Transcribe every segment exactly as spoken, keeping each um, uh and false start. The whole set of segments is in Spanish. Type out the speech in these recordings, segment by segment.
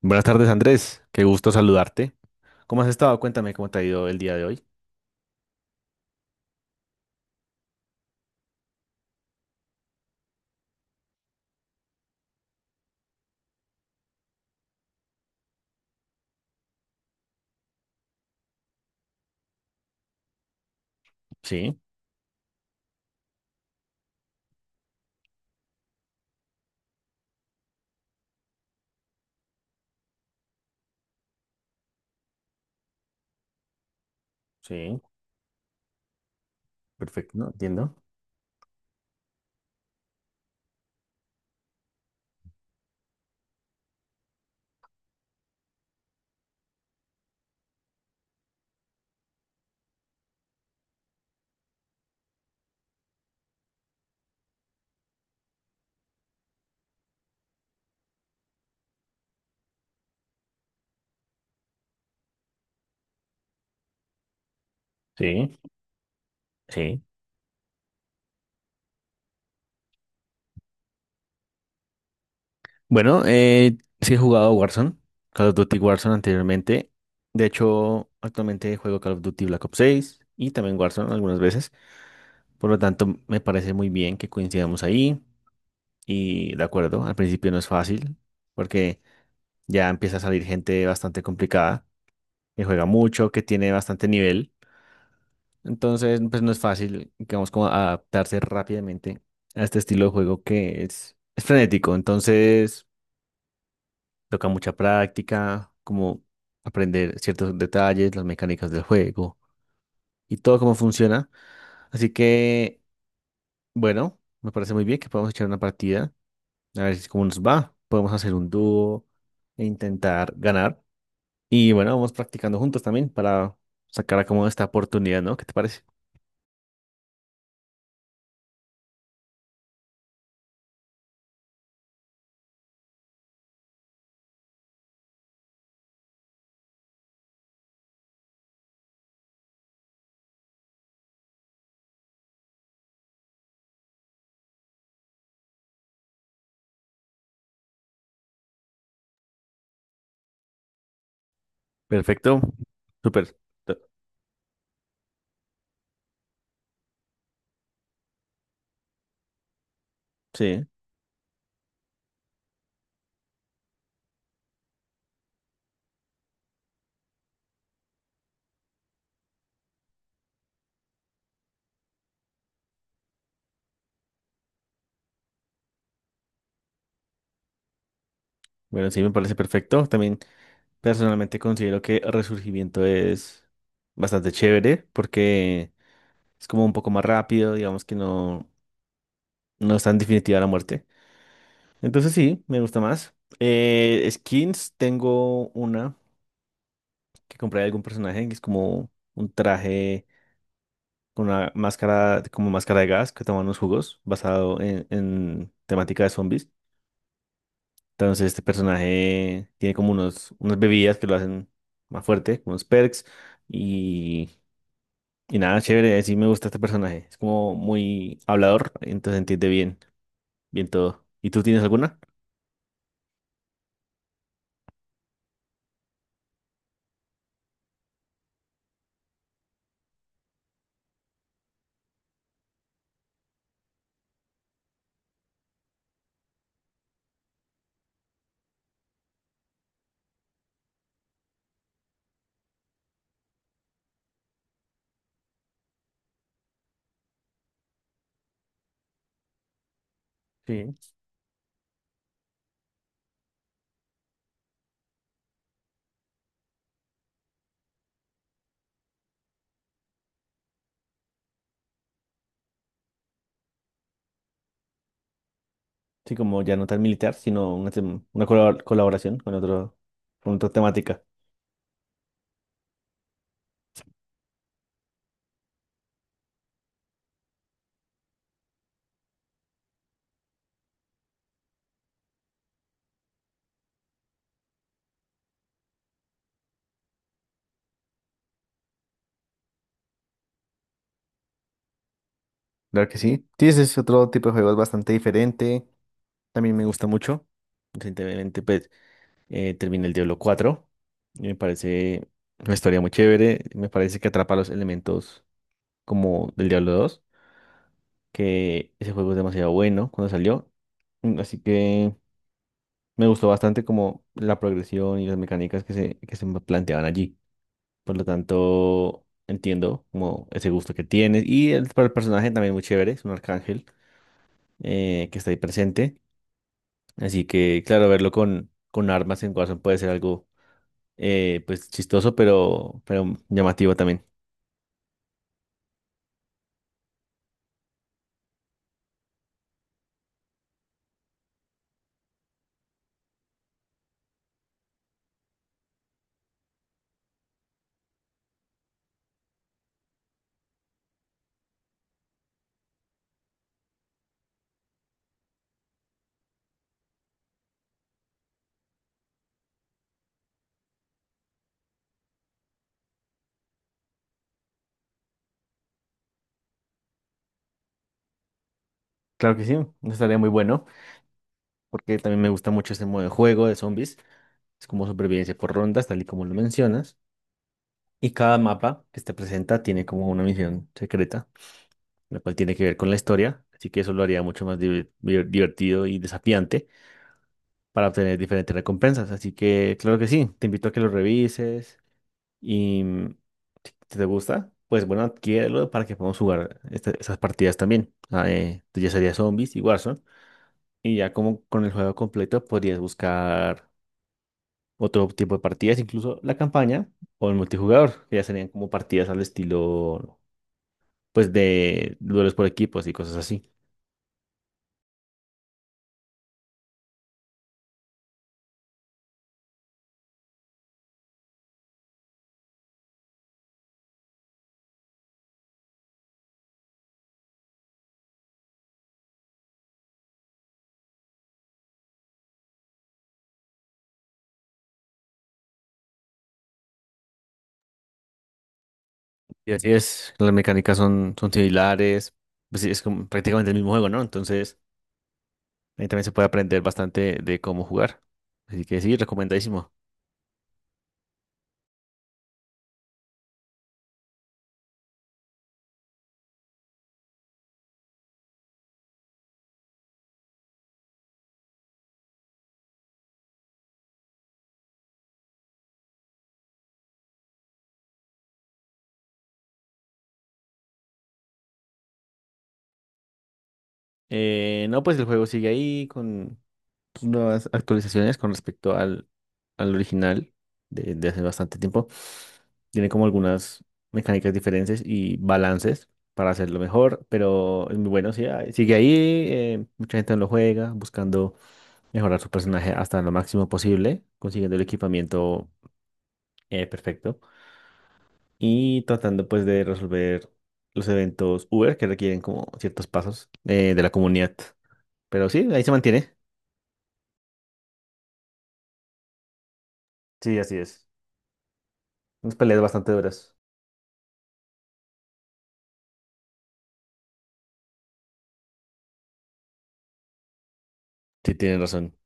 Buenas tardes, Andrés. Qué gusto saludarte. ¿Cómo has estado? Cuéntame cómo te ha ido el día de hoy. Sí, sí, perfecto, ¿no? Entiendo. Sí, sí. Bueno, eh, sí he jugado Warzone, Call of Duty Warzone anteriormente. De hecho, actualmente juego Call of Duty Black Ops seis y también Warzone algunas veces. Por lo tanto, me parece muy bien que coincidamos ahí. Y de acuerdo, al principio no es fácil porque ya empieza a salir gente bastante complicada, que juega mucho, que tiene bastante nivel. Entonces, pues no es fácil, digamos, como adaptarse rápidamente a este estilo de juego que es, es frenético. Entonces, toca mucha práctica, como aprender ciertos detalles, las mecánicas del juego y todo cómo funciona. Así que, bueno, me parece muy bien que podamos echar una partida, a ver si cómo nos va. Podemos hacer un dúo e intentar ganar. Y bueno, vamos practicando juntos también para sacar a cómo esta oportunidad, ¿no? ¿Qué te parece? Perfecto. Súper. Sí. Bueno, sí, me parece perfecto. También personalmente considero que Resurgimiento es bastante chévere porque es como un poco más rápido, digamos que no, no es tan definitiva la muerte. Entonces sí, me gusta más. Eh, skins, tengo una que compré de algún personaje, que es como un traje con una máscara, como máscara de gas que toma unos jugos basado en, en temática de zombies. Entonces este personaje tiene como unos, unas bebidas que lo hacen más fuerte, como unos perks y, y nada, chévere, sí me gusta este personaje. Es como muy hablador, entonces entiende bien, bien todo. ¿Y tú tienes alguna? Sí. Sí, como ya no tan militar, sino una, tem- una colabor- colaboración con otro, con otra temática. Claro que sí. Sí, ese es otro tipo de juego, es bastante diferente. También me gusta mucho. Recientemente, pues, Eh, terminé el Diablo cuatro. Y me parece una historia muy chévere. Me parece que atrapa los elementos como del Diablo dos, que ese juego es demasiado bueno cuando salió. Mm, Así que me gustó bastante como la progresión y las mecánicas que se, que se me planteaban allí. Por lo tanto, entiendo como ese gusto que tienes. Y el, para el personaje también muy chévere, es un arcángel eh, que está ahí presente. Así que, claro, verlo con, con armas en Warzone puede ser algo Eh, pues chistoso, pero, pero llamativo también. Claro que sí, estaría muy bueno, porque también me gusta mucho este modo de juego de zombies. Es como supervivencia por rondas, tal y como lo mencionas. Y cada mapa que te presenta tiene como una misión secreta, la cual tiene que ver con la historia. Así que eso lo haría mucho más diver- diver- divertido y desafiante para obtener diferentes recompensas. Así que, claro que sí, te invito a que lo revises. Y mm, si te gusta, pues bueno, adquiérelo para que podamos jugar esta- esas partidas también. Ah, eh, ya sería Zombies y Warzone. Y ya como con el juego completo podrías buscar otro tipo de partidas, incluso la campaña o el multijugador, que ya serían como partidas al estilo, pues de duelos por equipos y cosas así. Y así es, las mecánicas son, son similares, pues sí, es como prácticamente el mismo juego, ¿no? Entonces ahí también se puede aprender bastante de cómo jugar. Así que sí, recomendadísimo. Eh, no, pues el juego sigue ahí con sus nuevas actualizaciones con respecto al, al original de, de hace bastante tiempo. Tiene como algunas mecánicas diferentes y balances para hacerlo mejor, pero es muy bueno, sí, ah, sigue ahí. eh, mucha gente no lo juega buscando mejorar su personaje hasta lo máximo posible, consiguiendo el equipamiento eh, perfecto y tratando pues de resolver los eventos Uber que requieren como ciertos pasos eh, de la comunidad. Pero sí, ahí se mantiene. Sí, así es. Unas peleas bastante duras. Sí, tienes razón.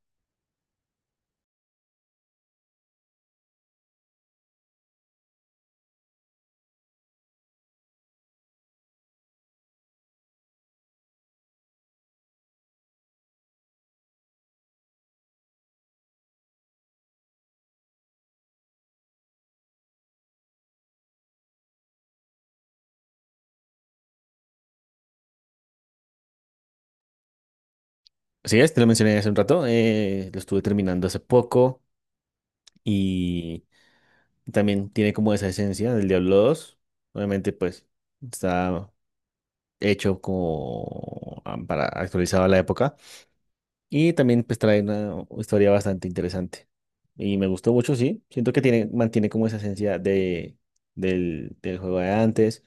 Así es, te lo mencioné hace un rato. eh, lo estuve terminando hace poco y también tiene como esa esencia del Diablo dos. Obviamente, pues está hecho como ah, para actualizado a la época. Y también pues trae una historia bastante interesante. Y me gustó mucho, sí. Siento que tiene, mantiene como esa esencia de, del, del juego de antes,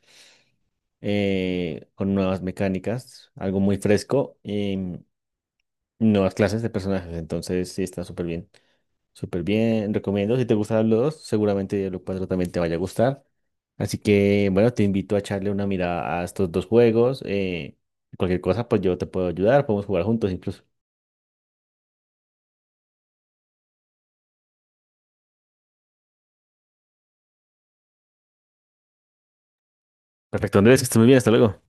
eh, con nuevas mecánicas, algo muy fresco, em, nuevas clases de personajes. Entonces sí está súper bien. Súper bien, recomiendo. Si te gusta Diablo dos seguramente Diablo cuatro también te vaya a gustar. Así que bueno, te invito a echarle una mirada a estos dos juegos. eh, cualquier cosa, pues yo te puedo ayudar, podemos jugar juntos incluso. Perfecto, Andrés, que estés muy bien, hasta luego.